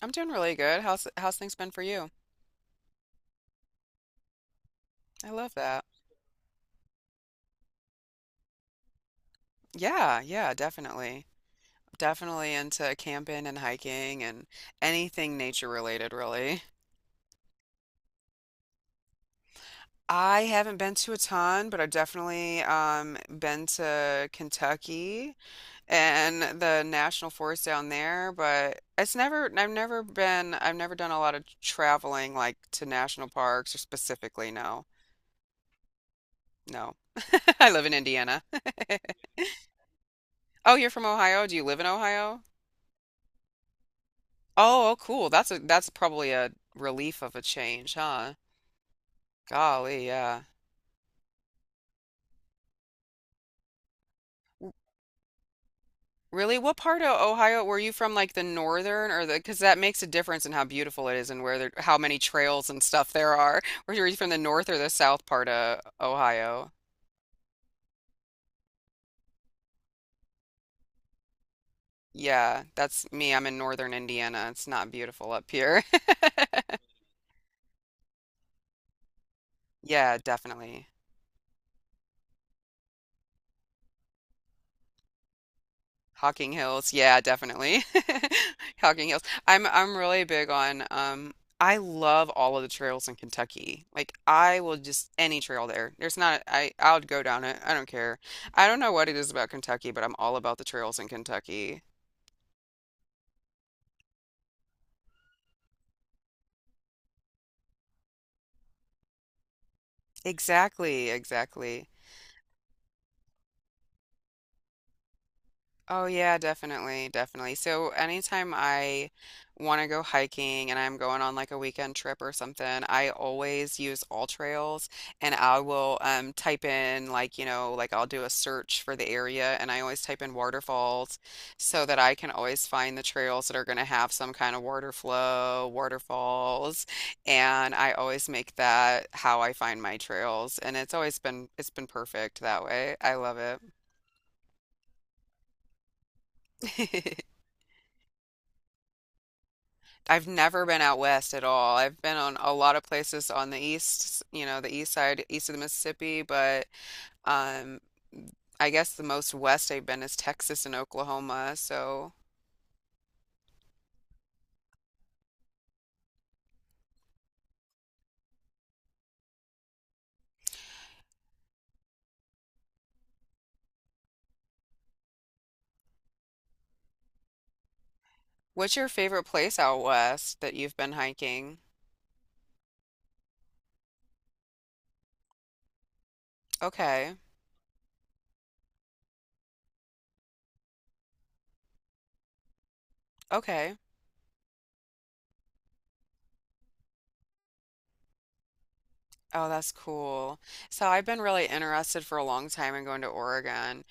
I'm doing really good. How's things been for you? I love that. Yeah, yeah, definitely. Definitely into camping and hiking and anything nature related, really. I haven't been to a ton, but I've definitely been to Kentucky and the national forest down there. But it's never, I've never been, I've never done a lot of traveling like to national parks or specifically, no, no. I live in Indiana. Oh, you're from Ohio? Do you live in Ohio? Oh, oh, cool. That's probably a relief of a change, huh? Golly, yeah. Really? What part of Ohio were you from? Like the northern or the? Because that makes a difference in how beautiful it is and where there, how many trails and stuff there are. Were you from the north or the south part of Ohio? Yeah, that's me. I'm in northern Indiana. It's not beautiful up here. Yeah, definitely. Hocking Hills. Yeah, definitely. Hocking Hills. I'm really big on I love all of the trails in Kentucky. Like I will just any trail there. There's not, I'll go down it. I don't care. I don't know what it is about Kentucky, but I'm all about the trails in Kentucky. Exactly, exactly. Oh yeah, definitely, definitely. So anytime I want to go hiking and I'm going on like a weekend trip or something, I always use All Trails, and I will type in like, like I'll do a search for the area. And I always type in waterfalls so that I can always find the trails that are going to have some kind of water flow, waterfalls. And I always make that how I find my trails, and it's been perfect that way. I love it. I've never been out west at all. I've been on a lot of places on the east, the east side, east of the Mississippi, but um, I guess the most west I've been is Texas and Oklahoma. So, what's your favorite place out west that you've been hiking? Okay, okay. Oh, that's cool. So I've been really interested for a long time in going to Oregon.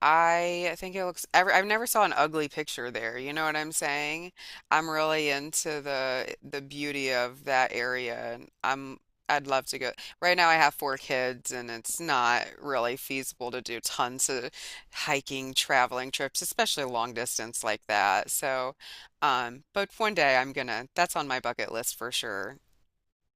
I think it looks, I've never saw an ugly picture there. You know what I'm saying? I'm really into the beauty of that area, and I'd love to go. Right now, I have four kids, and it's not really feasible to do tons of hiking, traveling trips, especially long distance like that. So, but one day I'm gonna. That's on my bucket list for sure.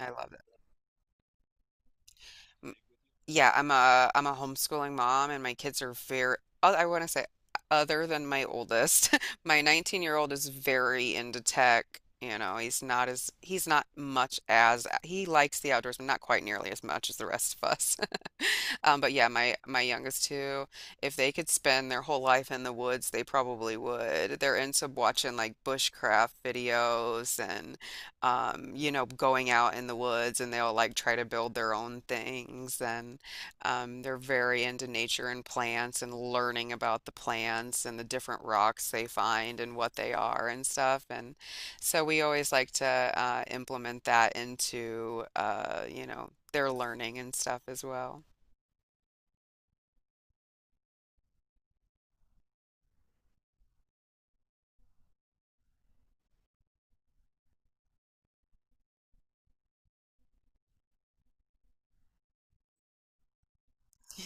I love it. Yeah, I'm a homeschooling mom, and my kids are very I want to say other than my oldest. My 19-year-old is very into tech. You know, he's not much as he likes the outdoors, but not quite nearly as much as the rest of us. But yeah, my youngest two, if they could spend their whole life in the woods, they probably would. They're into watching like bushcraft videos and going out in the woods, and they'll like try to build their own things. And they're very into nature and plants and learning about the plants and the different rocks they find and what they are and stuff. And so we always like to implement that into their learning and stuff as well.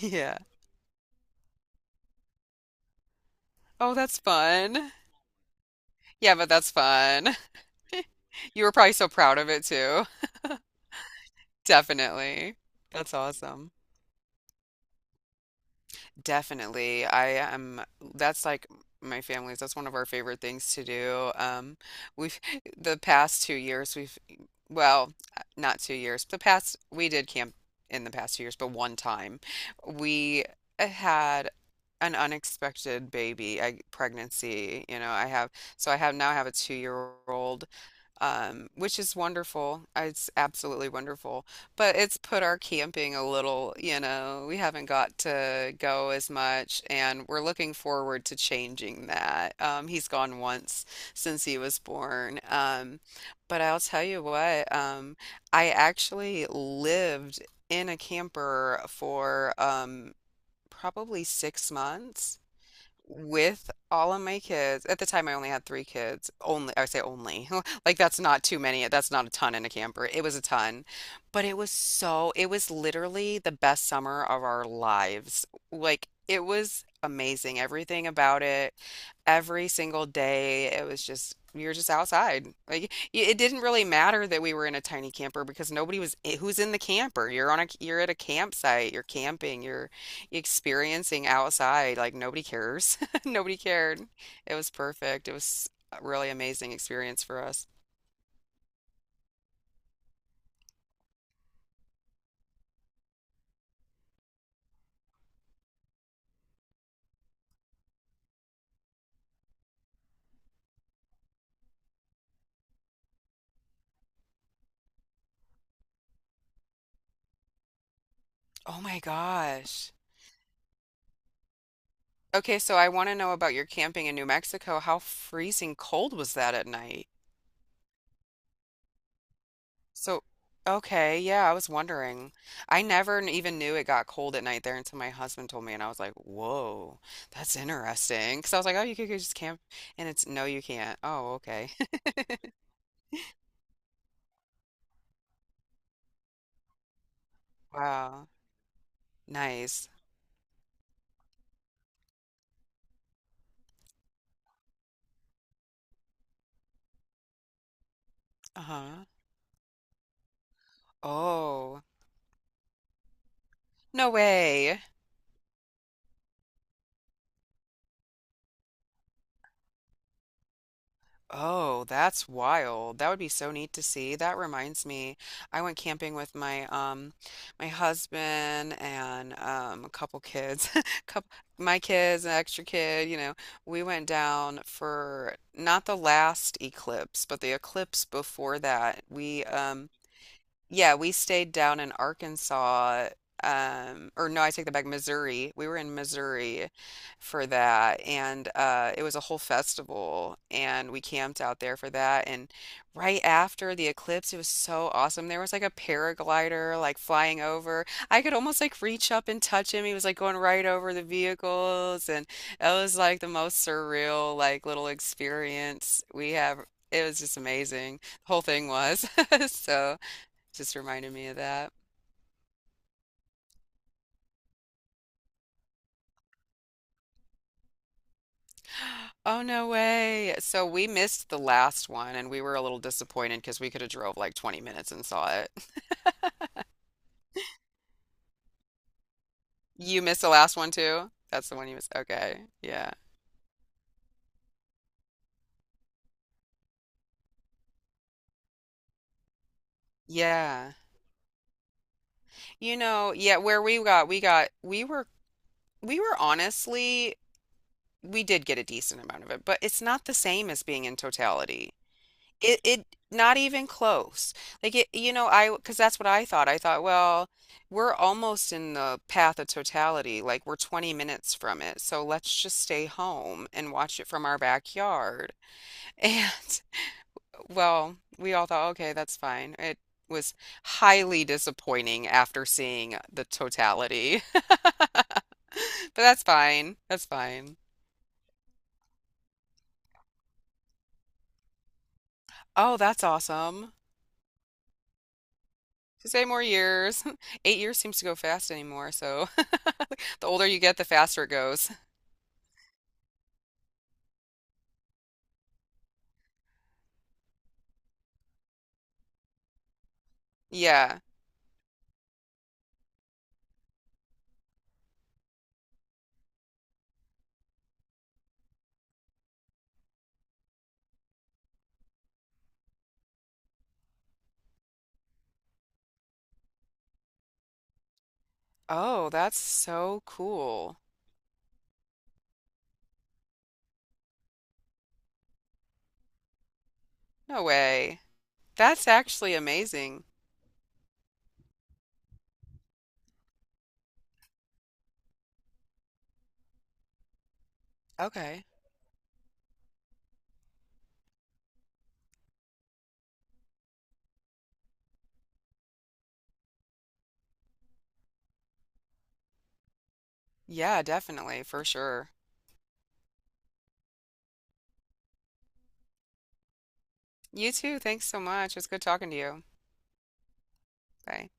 Yeah. Oh, that's fun. Yeah, but that's fun. You were probably so proud of it too. Definitely. That's awesome. Definitely. I am, that's like my family's, that's one of our favorite things to do. We've, the past 2 years, we've, well, not 2 years, the past, we did camp in the past 2 years, but one time we had an unexpected baby, I, pregnancy. You know, I have, so I have now have a 2-year-old, which is wonderful. It's absolutely wonderful. But it's put our camping a little, we haven't got to go as much, and we're looking forward to changing that. He's gone once since he was born. But I'll tell you what, I actually lived in a camper for probably 6 months with all of my kids. At the time, I only had three kids. Only, I say only. Like, that's not too many. That's not a ton in a camper. It was a ton. But it was literally the best summer of our lives. Like, it was amazing. Everything about it, every single day, we were just outside. Like, it didn't really matter that we were in a tiny camper, because nobody was, who's in the camper? You're at a campsite, you're camping, you're, experiencing outside like nobody cares. Nobody cared. It was perfect. It was a really amazing experience for us. Oh my gosh. Okay, so I want to know about your camping in New Mexico. How freezing cold was that at night? So, okay, yeah, I was wondering. I never even knew it got cold at night there until my husband told me, and I was like, whoa, that's interesting. Because I was like, oh, you could just camp, and it's no, you can't. Oh, okay. Wow, nice. Uh-huh. Oh, no way. Oh, that's wild. That would be so neat to see. That reminds me, I went camping with my husband and a couple kids. Couple my kids, an extra kid. We went down for not the last eclipse, but the eclipse before that. We stayed down in Arkansas. Or no, I take that back, Missouri. We were in Missouri for that, and it was a whole festival, and we camped out there for that. And right after the eclipse, it was so awesome. There was like a paraglider like flying over. I could almost like reach up and touch him. He was like going right over the vehicles, and it was like the most surreal like little experience we have. It was just amazing. The whole thing was so. Just reminded me of that. Oh, no way. So we missed the last one, and we were a little disappointed because we could have drove like 20 minutes and saw it. You missed the last one too? That's the one you missed. Okay. Yeah. Yeah. You know, yeah, where we were honestly, we did get a decent amount of it, but it's not the same as being in totality. It not even close. Like it, I because that's what I thought. I thought, well, we're almost in the path of totality. Like we're 20 minutes from it. So let's just stay home and watch it from our backyard. And well, we all thought, okay, that's fine. It was highly disappointing after seeing the totality. But that's fine. That's fine. Oh, that's awesome. Just 8 more years. 8 years seems to go fast anymore, so the older you get, the faster it goes. Yeah. Oh, that's so cool. No way. That's actually amazing. Okay. Yeah, definitely, for sure. You too. Thanks so much. It's good talking to you. Bye.